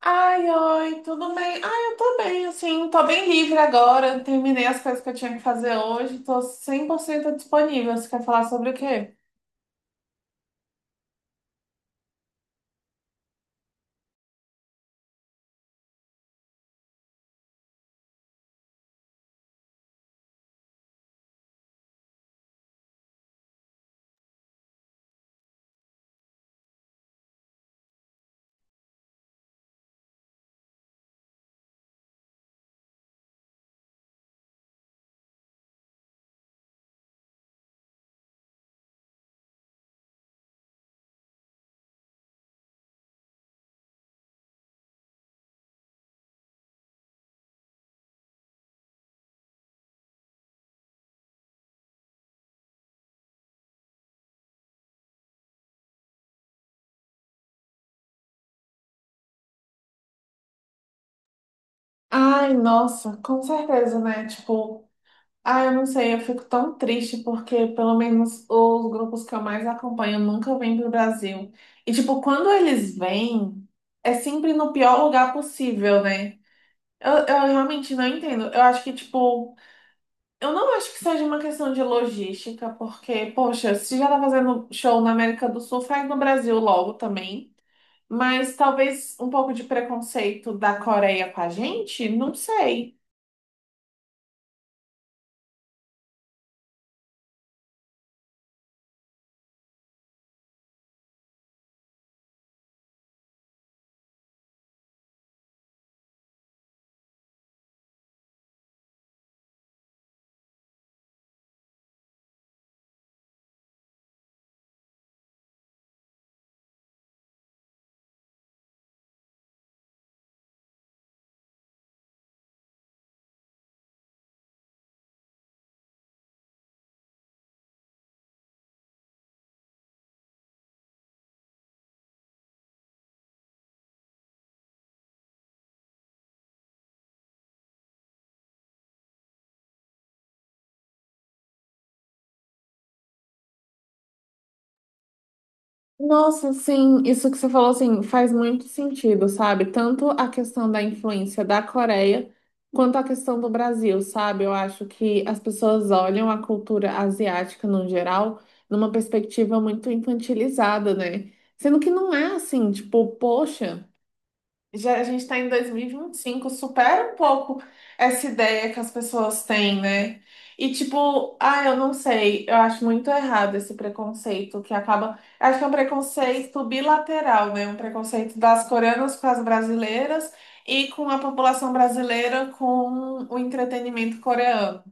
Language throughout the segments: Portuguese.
Ai, oi, tudo bem? Ai, eu tô bem, assim, tô bem livre agora. Terminei as coisas que eu tinha que fazer hoje, tô 100% disponível. Você quer falar sobre o quê? Ai, nossa, com certeza, né? Tipo, ai, eu não sei, eu fico tão triste porque pelo menos os grupos que eu mais acompanho nunca vêm pro Brasil. E, tipo, quando eles vêm, é sempre no pior lugar possível, né? Eu realmente não entendo. Eu acho que, tipo. Eu não acho que seja uma questão de logística, porque, poxa, se já tá fazendo show na América do Sul, faz no Brasil logo também. Mas talvez um pouco de preconceito da Coreia com a gente, não sei. Nossa, sim, isso que você falou assim faz muito sentido, sabe? Tanto a questão da influência da Coreia quanto a questão do Brasil, sabe? Eu acho que as pessoas olham a cultura asiática no geral numa perspectiva muito infantilizada, né? Sendo que não é assim, tipo, poxa. Já a gente está em dois mil e vinte e cinco supera um pouco essa ideia que as pessoas têm, né? E tipo, ah, eu não sei, eu acho muito errado esse preconceito que acaba. Acho que é um preconceito bilateral, né? Um preconceito das coreanas com as brasileiras e com a população brasileira com o entretenimento coreano.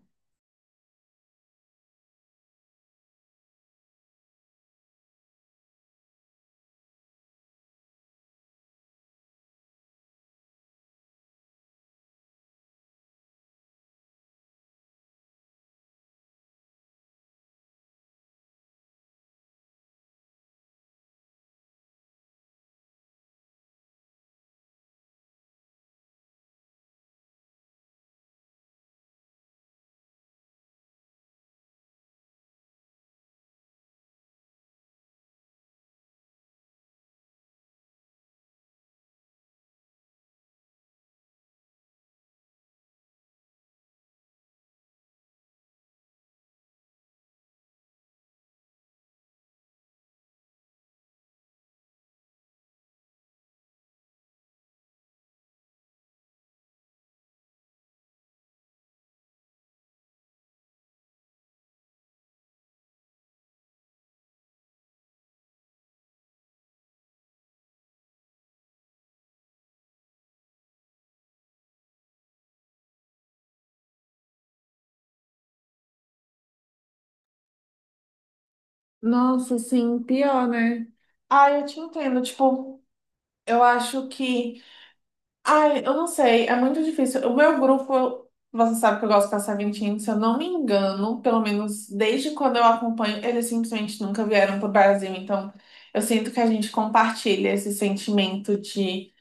Nossa, sim, pior, né? Ah, eu te entendo. Tipo, eu acho que. Ai, eu não sei, é muito difícil. O meu grupo, você sabe que eu gosto de passar Sabentinho, se eu não me engano, pelo menos desde quando eu acompanho, eles simplesmente nunca vieram pro Brasil. Então, eu sinto que a gente compartilha esse sentimento de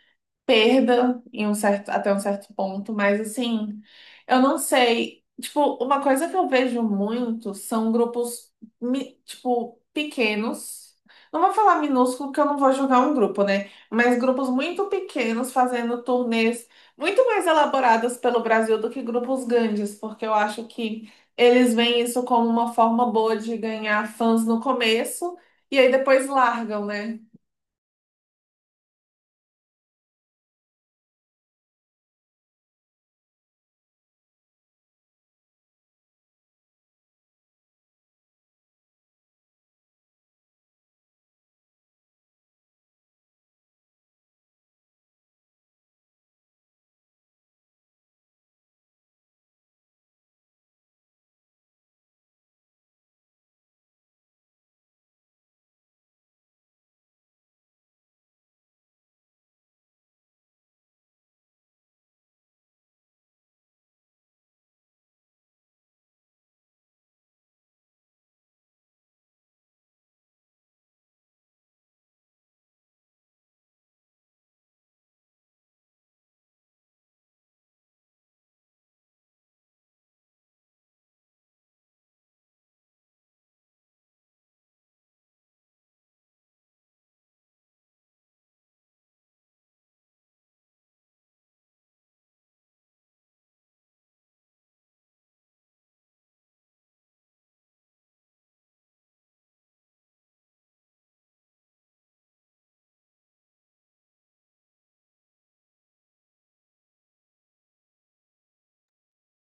perda em um certo, até um certo ponto, mas assim, eu não sei. Tipo, uma coisa que eu vejo muito são grupos, tipo, pequenos. Não vou falar minúsculo, porque eu não vou julgar um grupo, né? Mas grupos muito pequenos fazendo turnês muito mais elaboradas pelo Brasil do que grupos grandes, porque eu acho que eles veem isso como uma forma boa de ganhar fãs no começo e aí depois largam, né?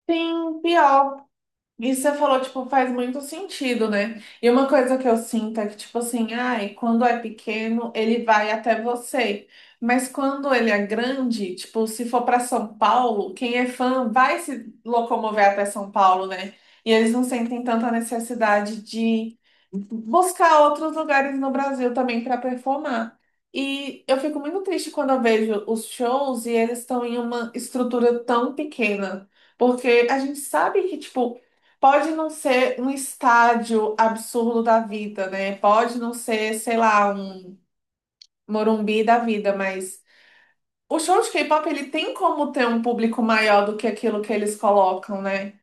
Sim, pior. Isso você falou, tipo, faz muito sentido, né? E uma coisa que eu sinto é que, tipo assim, ai, quando é pequeno, ele vai até você. Mas quando ele é grande, tipo, se for para São Paulo, quem é fã vai se locomover até São Paulo, né? E eles não sentem tanta necessidade de buscar outros lugares no Brasil também para performar. E eu fico muito triste quando eu vejo os shows e eles estão em uma estrutura tão pequena, porque a gente sabe que, tipo, pode não ser um estádio absurdo da vida, né? Pode não ser, sei lá, um Morumbi da vida, mas o show de K-pop ele tem como ter um público maior do que aquilo que eles colocam, né?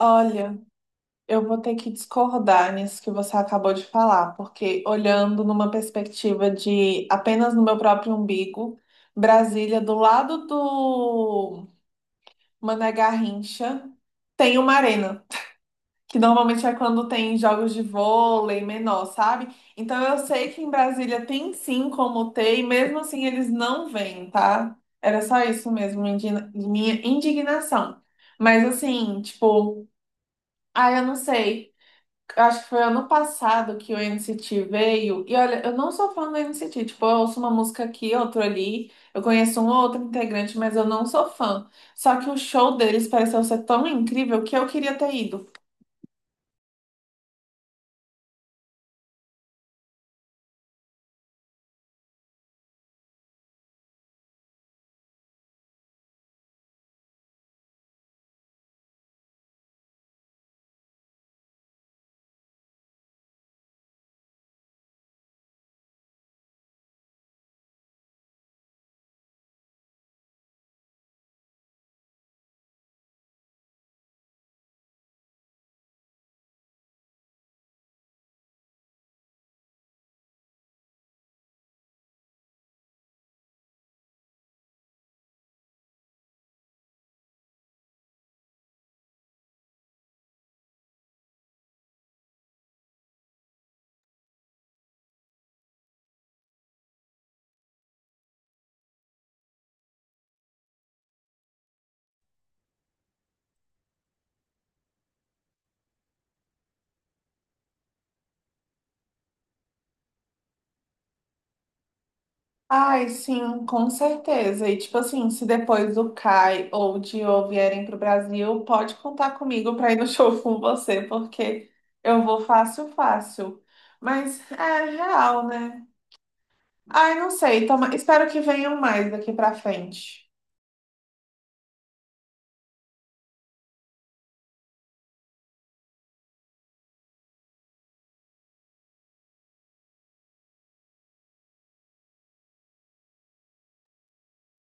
Olha. Eu vou ter que discordar nisso que você acabou de falar, porque olhando numa perspectiva de apenas no meu próprio umbigo, Brasília, do lado do Mané Garrincha, tem uma arena, que normalmente é quando tem jogos de vôlei menor, sabe? Então eu sei que em Brasília tem sim como ter, e mesmo assim eles não vêm, tá? Era só isso mesmo, minha indignação. Mas assim, tipo, ah, eu não sei. Acho que foi ano passado que o NCT veio. E olha, eu não sou fã do NCT. Tipo, eu ouço uma música aqui, outra ali. Eu conheço um ou outro integrante, mas eu não sou fã. Só que o show deles pareceu ser tão incrível que eu queria ter ido. Ai, sim, com certeza. E tipo assim, se depois do Kai ou de O vierem pro Brasil, pode contar comigo para ir no show com você, porque eu vou fácil, fácil. Mas é real, né? Ai, não sei. Toma. Espero que venham mais daqui pra frente.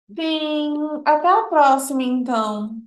Sim, até a próxima, então.